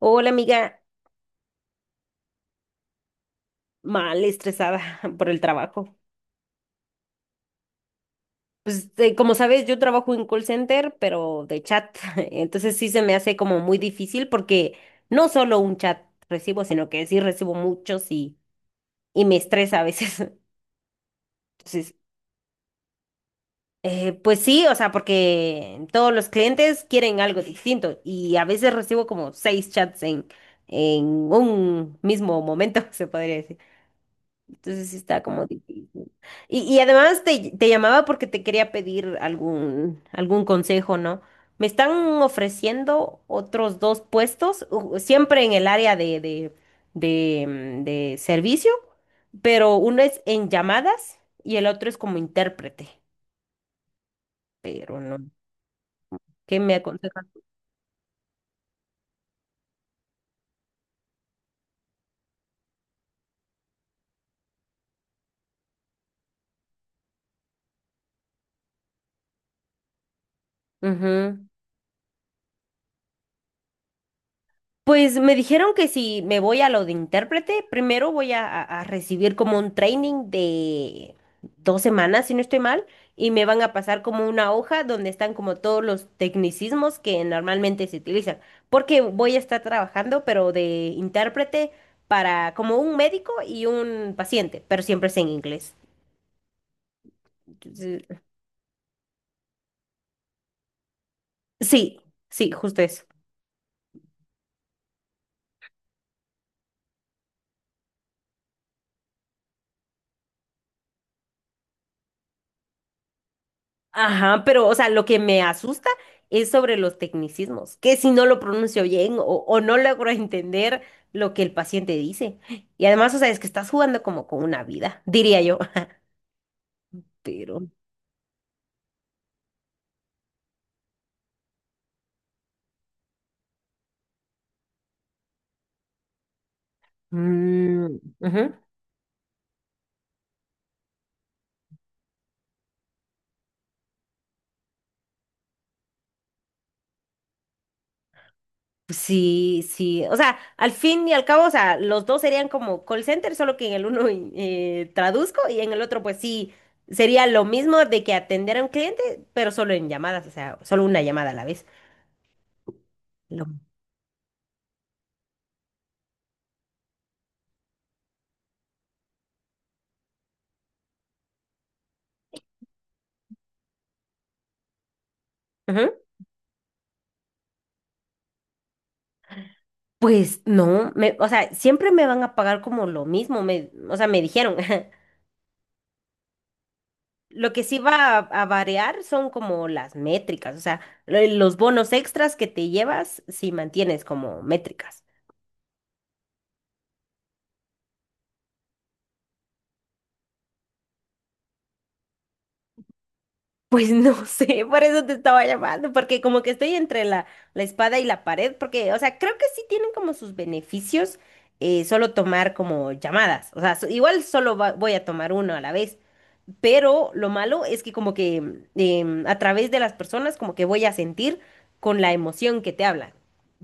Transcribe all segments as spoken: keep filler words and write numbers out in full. Hola amiga, mal estresada por el trabajo. Pues eh, como sabes, yo trabajo en call center, pero de chat. Entonces sí se me hace como muy difícil porque no solo un chat recibo, sino que sí recibo muchos y, y me estresa a veces. Entonces, eh, pues sí, o sea, porque todos los clientes quieren algo distinto y a veces recibo como seis chats en, en un mismo momento, se podría decir. Entonces sí está como difícil. Y, y además te, te llamaba porque te quería pedir algún, algún consejo, ¿no? Me están ofreciendo otros dos puestos, u- siempre en el área de, de, de, mm, de servicio, pero uno es en llamadas y el otro es como intérprete, pero no. ¿Qué me aconsejan? Ujú. Pues me dijeron que si me voy a lo de intérprete, primero voy a, a- a recibir como un training de dos semanas, si no estoy mal, y me van a pasar como una hoja donde están como todos los tecnicismos que normalmente se utilizan, porque voy a estar trabajando, pero de intérprete para como un médico y un paciente, pero siempre es en inglés. Entonces, sí, sí, justo eso. Ajá, pero o sea, lo que me asusta es sobre los tecnicismos, que si no lo pronuncio bien o, o no logro entender lo que el paciente dice. Y además, o sea, es que estás jugando como con una vida, diría yo. Pero, mm, ujú, sí, sí, o sea, al fin y al cabo, o sea, los dos serían como call center, solo que en el uno eh, traduzco y en el otro, pues sí, sería lo mismo de que atender a un cliente, pero solo en llamadas, o sea, solo una llamada a la vez. Lo- ujú. Pues no, me, o sea, siempre me van a pagar como lo mismo, me, o sea, me dijeron. Lo que sí va a, a variar son como las métricas, o sea, lo- los bonos extras que te llevas si mantienes como métricas. Pues no sé, por eso te estaba llamando, porque como que estoy entre la, la espada y la pared, porque, o sea, creo que sí tienen como sus beneficios eh, solo tomar como llamadas, o sea, so- igual solo va- voy a tomar uno a la vez. Pero lo malo es que como que em, a través de las personas como que voy a sentir con la emoción que te hablan,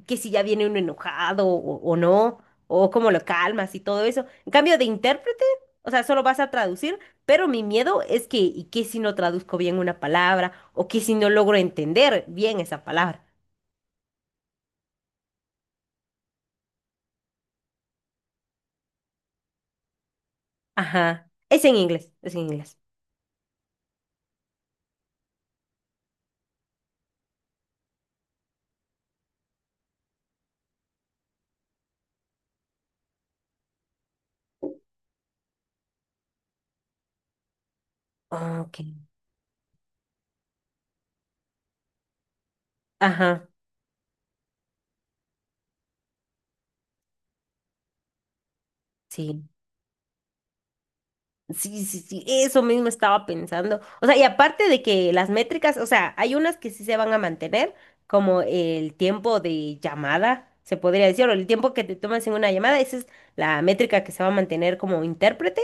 que si ya viene uno enojado o, o no, o cómo lo calmas y todo eso. En cambio de intérprete, o sea, solo vas a traducir, pero mi miedo es que, ¿y qué si no traduzco bien una palabra? ¿O qué si no logro entender bien esa palabra? Ajá. Es en inglés, es en inglés. Ok. Ajá, sí. Sí, sí, sí, eso mismo estaba pensando. O sea, y aparte de que las métricas, o sea, hay unas que sí se van a mantener, como el tiempo de llamada, se podría decir, o el tiempo que te tomas en una llamada, esa es la métrica que se va a mantener como intérprete,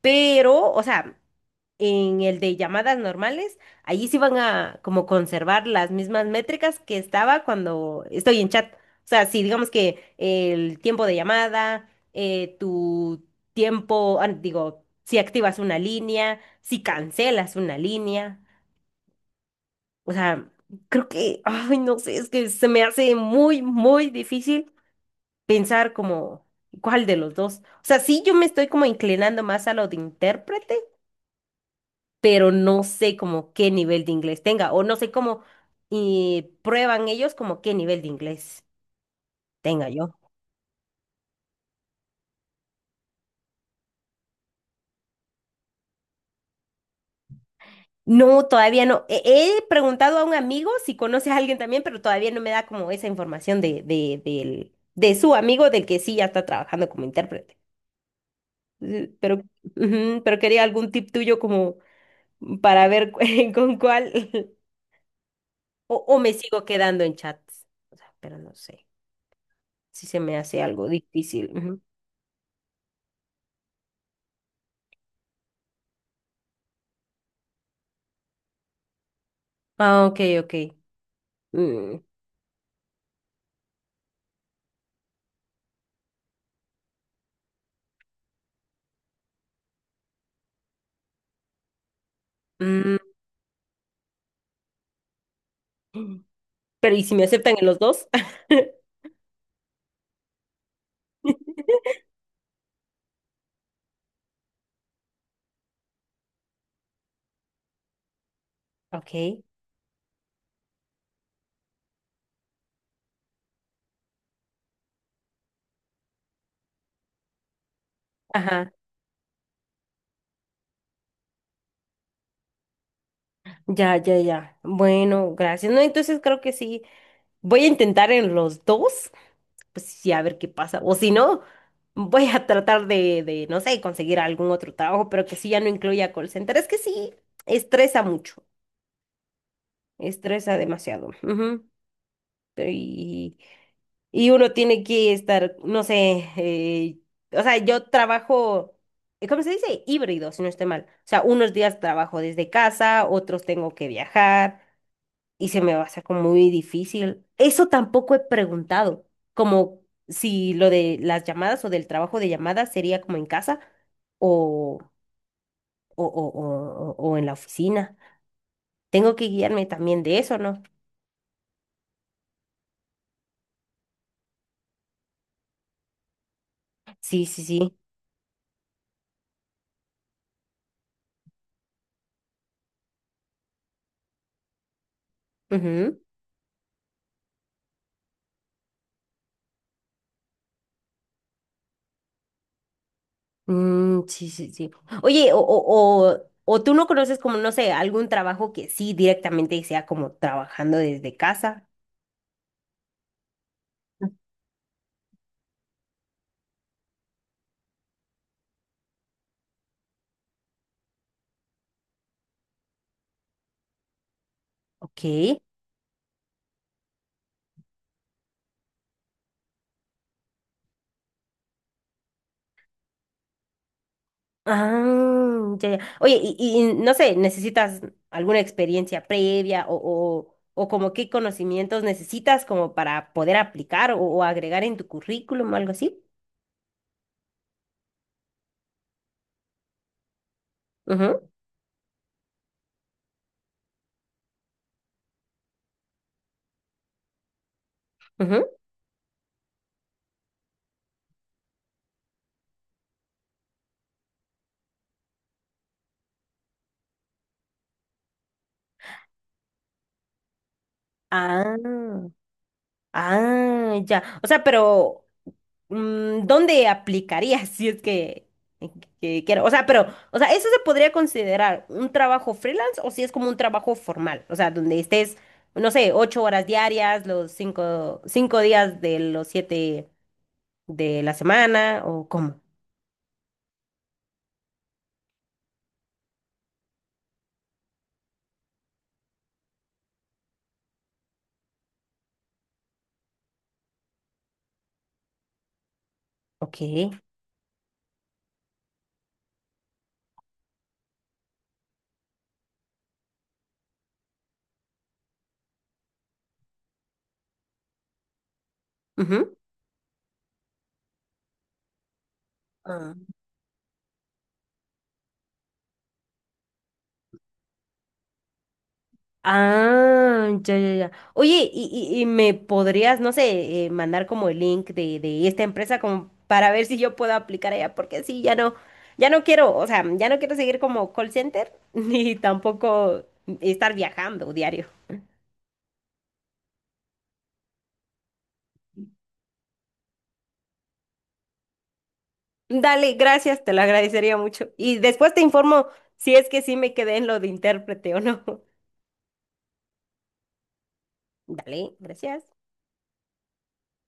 pero, o sea, en el de llamadas normales, allí sí van a como conservar las mismas métricas que estaba cuando estoy en chat. O sea, si digamos que el tiempo de llamada, eh, tu tiempo, ah, digo, si activas una línea, si cancelas una línea. O sea, creo que, ay, no sé, es que se me hace muy, muy difícil pensar como cuál de los dos. O sea, sí, yo me estoy como inclinando más a lo de intérprete pero no sé como qué nivel de inglés tenga o no sé cómo eh, prueban ellos como qué nivel de inglés tenga yo. No, todavía no. He, he preguntado a un amigo si conoce a alguien también, pero todavía no me da como esa información de, de, del- de su amigo del que sí ya está trabajando como intérprete. Eh, Pero, ujú, pero quería algún tip tuyo como para ver cu- con cuál o, o me sigo quedando en chats. O sea, pero no sé si se me hace algo difícil. Ujú. Ah, ok, ok. Mm, mm, pero ¿y si me aceptan en los dos? Ok. Ajá, ya, ya, ya. Bueno, gracias. No, entonces creo que sí. Voy a intentar en los dos, pues sí, a ver qué pasa. O si no, voy a tratar de, de, no sé, conseguir algún otro trabajo, pero que sí ya no incluya call center. Es que sí, estresa mucho, estresa demasiado. Ujú. Pero, Y, y uno tiene que estar, no sé, eh, o sea, yo trabajo, eh, ¿cómo se dice? Híbrido, si no estoy mal. O sea, unos días trabajo desde casa, otros tengo que viajar y se me va a hacer como muy difícil. Eso tampoco he preguntado, como si lo de las llamadas o del trabajo de llamadas sería como en casa o, o, o, o, o en la oficina. Tengo que guiarme también de eso, ¿no? Sí, sí, sí. Mm, sí, sí, sí. Oye, o, o, o, o tú no conoces como, no sé, algún trabajo que sí directamente sea como trabajando desde casa. Ok. Ah, ya, ya. Oye, y, y y no sé, ¿necesitas alguna experiencia previa o, o, o como qué conocimientos necesitas como para poder aplicar o, o agregar en tu currículum o algo así? Ujú, ujú. Ah, ah, ya. O sea, pero mm, ¿dónde aplicaría si es que, que quiero? O sea, pero, o sea, ¿eso se podría considerar un trabajo freelance o si es como un trabajo formal? O sea, donde estés, no sé, ocho horas diarias, los cinco, cinco días de los siete de la semana, o cómo. Ok. Ujú. Ah, ya, ya, ya. Oye, y, y- y me podrías, no sé, eh, mandar como el link de, de esta empresa como para ver si yo puedo aplicar allá, porque sí, ya no, ya no quiero, o sea, ya no quiero seguir como call center, ni tampoco estar viajando diario. Dale, gracias, te lo agradecería mucho. Y después te informo si es que sí me quedé en lo de intérprete o no. Dale, gracias.